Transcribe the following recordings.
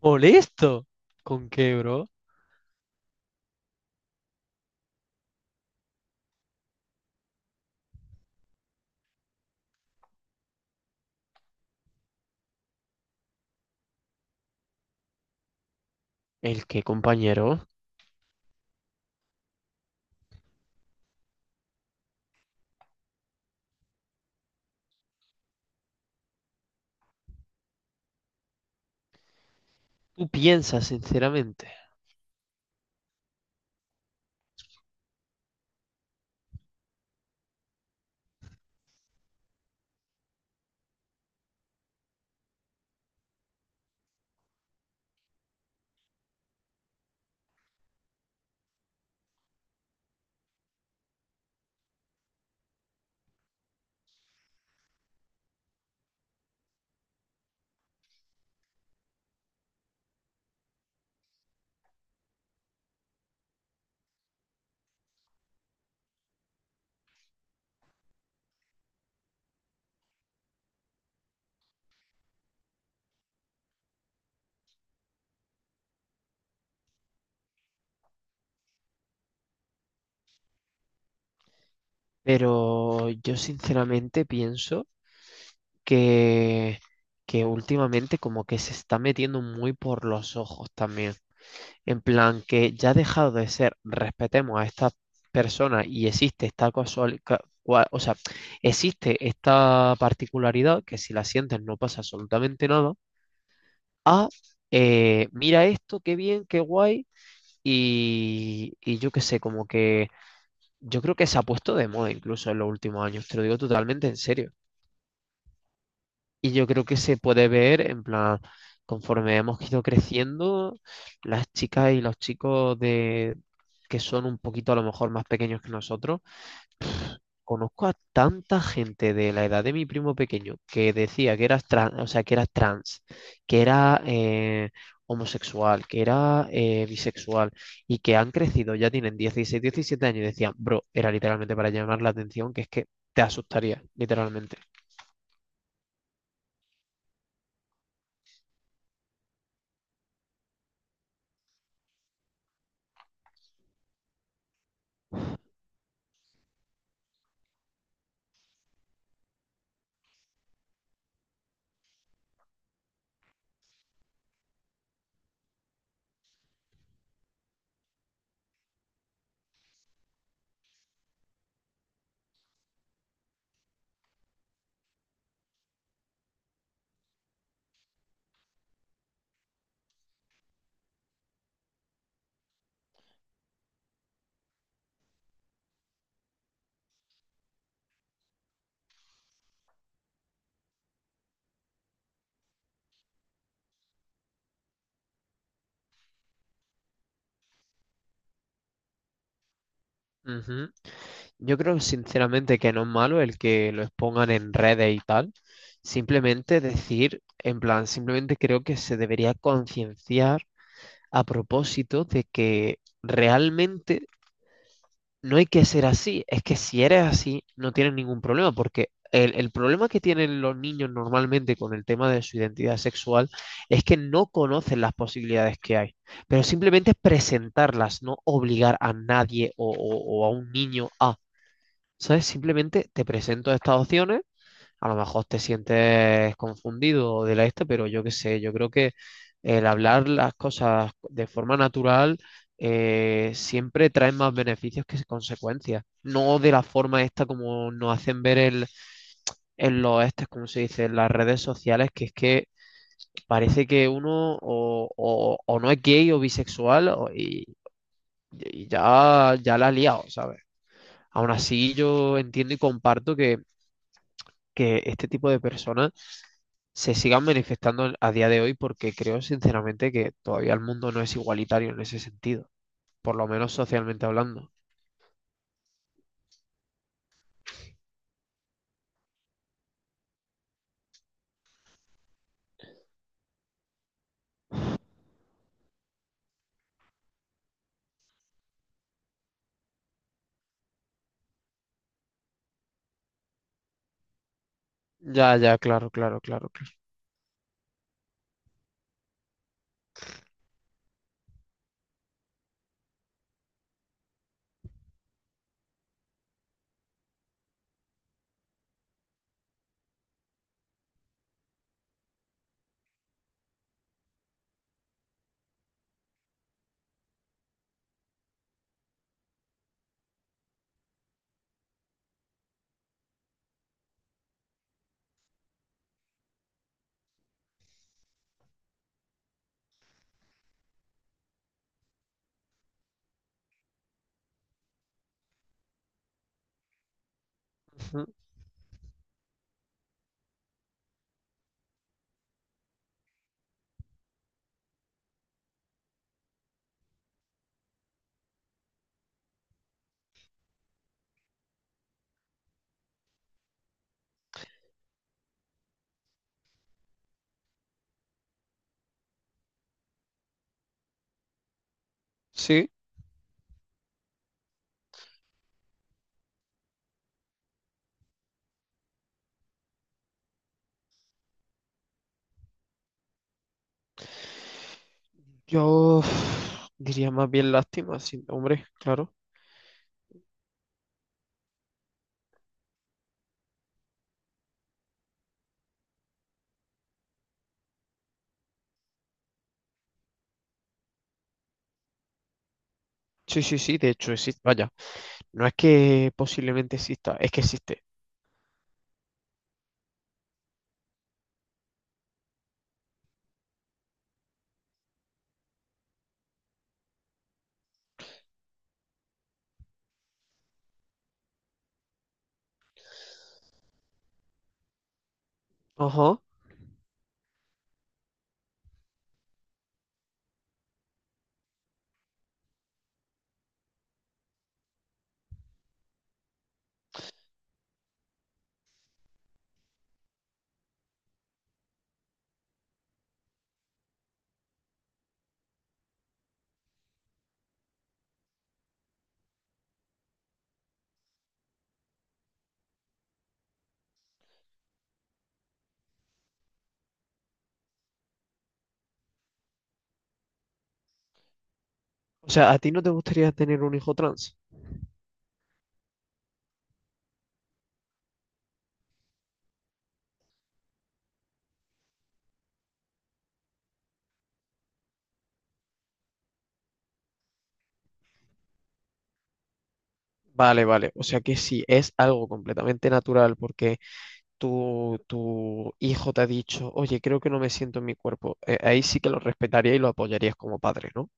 Molesto. ¿Con qué, bro? ¿El qué, compañero? Tú piensas, sinceramente. Pero yo sinceramente pienso que, que últimamente como que se está metiendo muy por los ojos también. En plan, que ya ha dejado de ser, respetemos a esta persona y existe esta existe esta particularidad que si la sientes no pasa absolutamente nada. A, mira esto, qué bien, qué guay. Y yo qué sé, como que yo creo que se ha puesto de moda incluso en los últimos años, te lo digo totalmente en serio. Y yo creo que se puede ver, en plan, conforme hemos ido creciendo, las chicas y los chicos de que son un poquito a lo mejor más pequeños que nosotros. Conozco a tanta gente de la edad de mi primo pequeño que decía que era trans, o sea, que era trans, que era homosexual, que era bisexual y que han crecido, ya tienen 16, 17 años y decían, bro, era literalmente para llamar la atención, que es que te asustaría, literalmente. Ujú. Yo creo sinceramente que no es malo el que lo expongan en redes y tal. Simplemente decir, en plan, simplemente creo que se debería concienciar a propósito de que realmente no hay que ser así. Es que si eres así, no tienes ningún problema, porque el problema que tienen los niños normalmente con el tema de su identidad sexual es que no conocen las posibilidades que hay, pero simplemente es presentarlas, no obligar a nadie o a un niño a, ¿sabes? Simplemente te presento estas opciones, a lo mejor te sientes confundido de la esta, pero yo qué sé, yo creo que el hablar las cosas de forma natural siempre trae más beneficios que consecuencias. No de la forma esta como nos hacen ver el, en los estes, como se dice, en las redes sociales, que es que parece que uno o no es gay o bisexual o- y, y ya la ha liado, ¿sabes? Aún así, yo entiendo y comparto que este tipo de personas se sigan manifestando a día de hoy porque creo sinceramente que todavía el mundo no es igualitario en ese sentido, por lo menos socialmente hablando. Ya, ya, claro, claro, claro, claro. Ujú. Sí, yo uf, diría más bien lástima, sí, hombre, claro. Sí, sí, sí, de hecho existe. Vaya, no es que posiblemente exista, es que existe. Ajá. O sea, ¿a ti no te gustaría tener un hijo trans? Vale, vale. O sea que sí, es algo completamente natural porque tu hijo te ha dicho, oye, creo que no me siento en mi cuerpo, ahí sí que lo respetaría y lo apoyarías como padre, ¿no?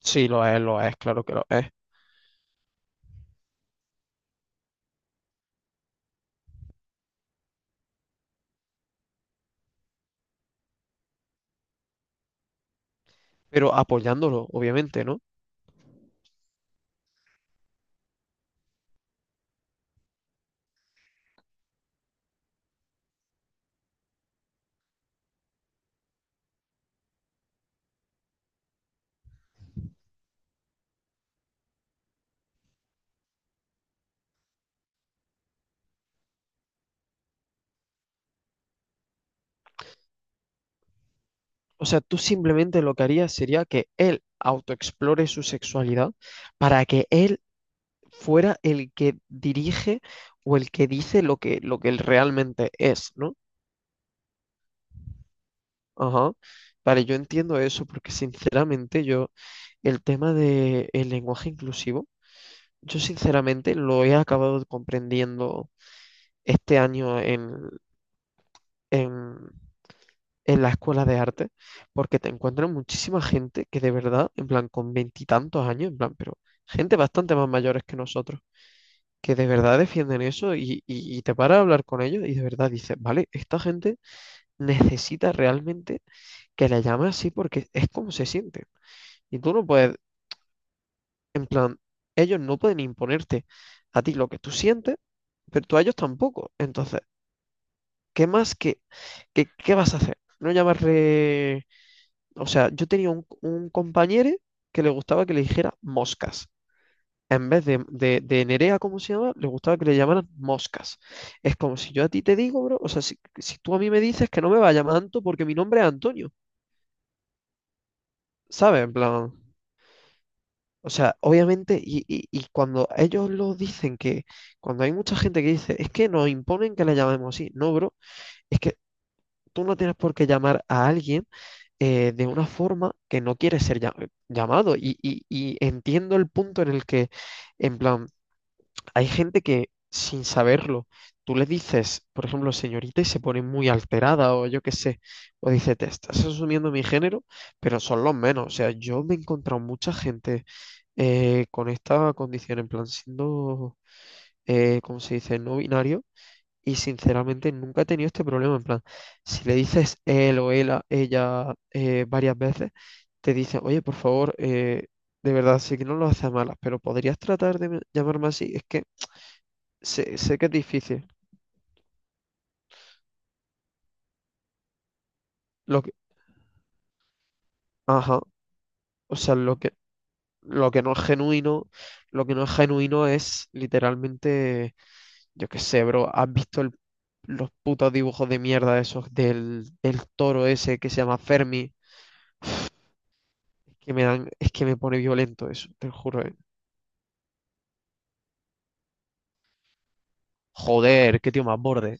Sí, lo es, claro que lo es, pero apoyándolo, obviamente, ¿no? O sea, tú simplemente lo que harías sería que él autoexplore su sexualidad para que él fuera el que dirige o el que dice lo que él realmente es, ¿no? Ajá. Vale, yo entiendo eso porque sinceramente yo, el tema del lenguaje inclusivo, yo sinceramente lo he acabado comprendiendo este año en, en la escuela de arte, porque te encuentras muchísima gente que de verdad, en plan, con veintitantos años, en plan, pero gente bastante más mayores que nosotros, que de verdad defienden eso y te paras a hablar con ellos y de verdad dices, vale, esta gente necesita realmente que la llame así porque es como se siente. Y tú no puedes, en plan, ellos no pueden imponerte a ti lo que tú sientes, pero tú a ellos tampoco. Entonces... ¿Qué más? ¿Qué vas a hacer? No llamarle... O sea, yo tenía un compañero que le gustaba que le dijera moscas. En vez de Nerea, como se llama, le gustaba que le llamaran moscas. Es como si yo a ti te digo, bro, o sea, si tú a mí me dices que no me va a llamar Anto porque mi nombre es Antonio, ¿sabes? En plan, o sea, obviamente, y cuando ellos lo dicen que, cuando hay mucha gente que dice, es que nos imponen que le llamemos así, no, bro, es que tú no tienes por qué llamar a alguien de una forma que no quiere ser llam- llamado. Y, y entiendo el punto en el que, en plan, hay gente que sin saberlo, tú le dices, por ejemplo, señorita, y se pone muy alterada o yo qué sé, o dice, te estás asumiendo mi género, pero son los menos. O sea, yo me he encontrado mucha gente con esta condición, en plan, siendo, ¿cómo se dice?, no binario, y sinceramente nunca he tenido este problema. En plan, si le dices él o ella, varias veces, te dice, oye, por favor, de verdad, sé que no lo haces a malas, pero podrías tratar de me- llamarme así. Es que sé, sé que es difícil. Lo que, ajá, o sea, lo que no es genuino, lo que no es genuino es literalmente, yo qué sé, bro, ¿has visto el- los putos dibujos de mierda esos del toro ese que se llama Fermi? Que me dan, es que me pone violento eso, te lo juro, ¿eh? Joder, qué tío más borde.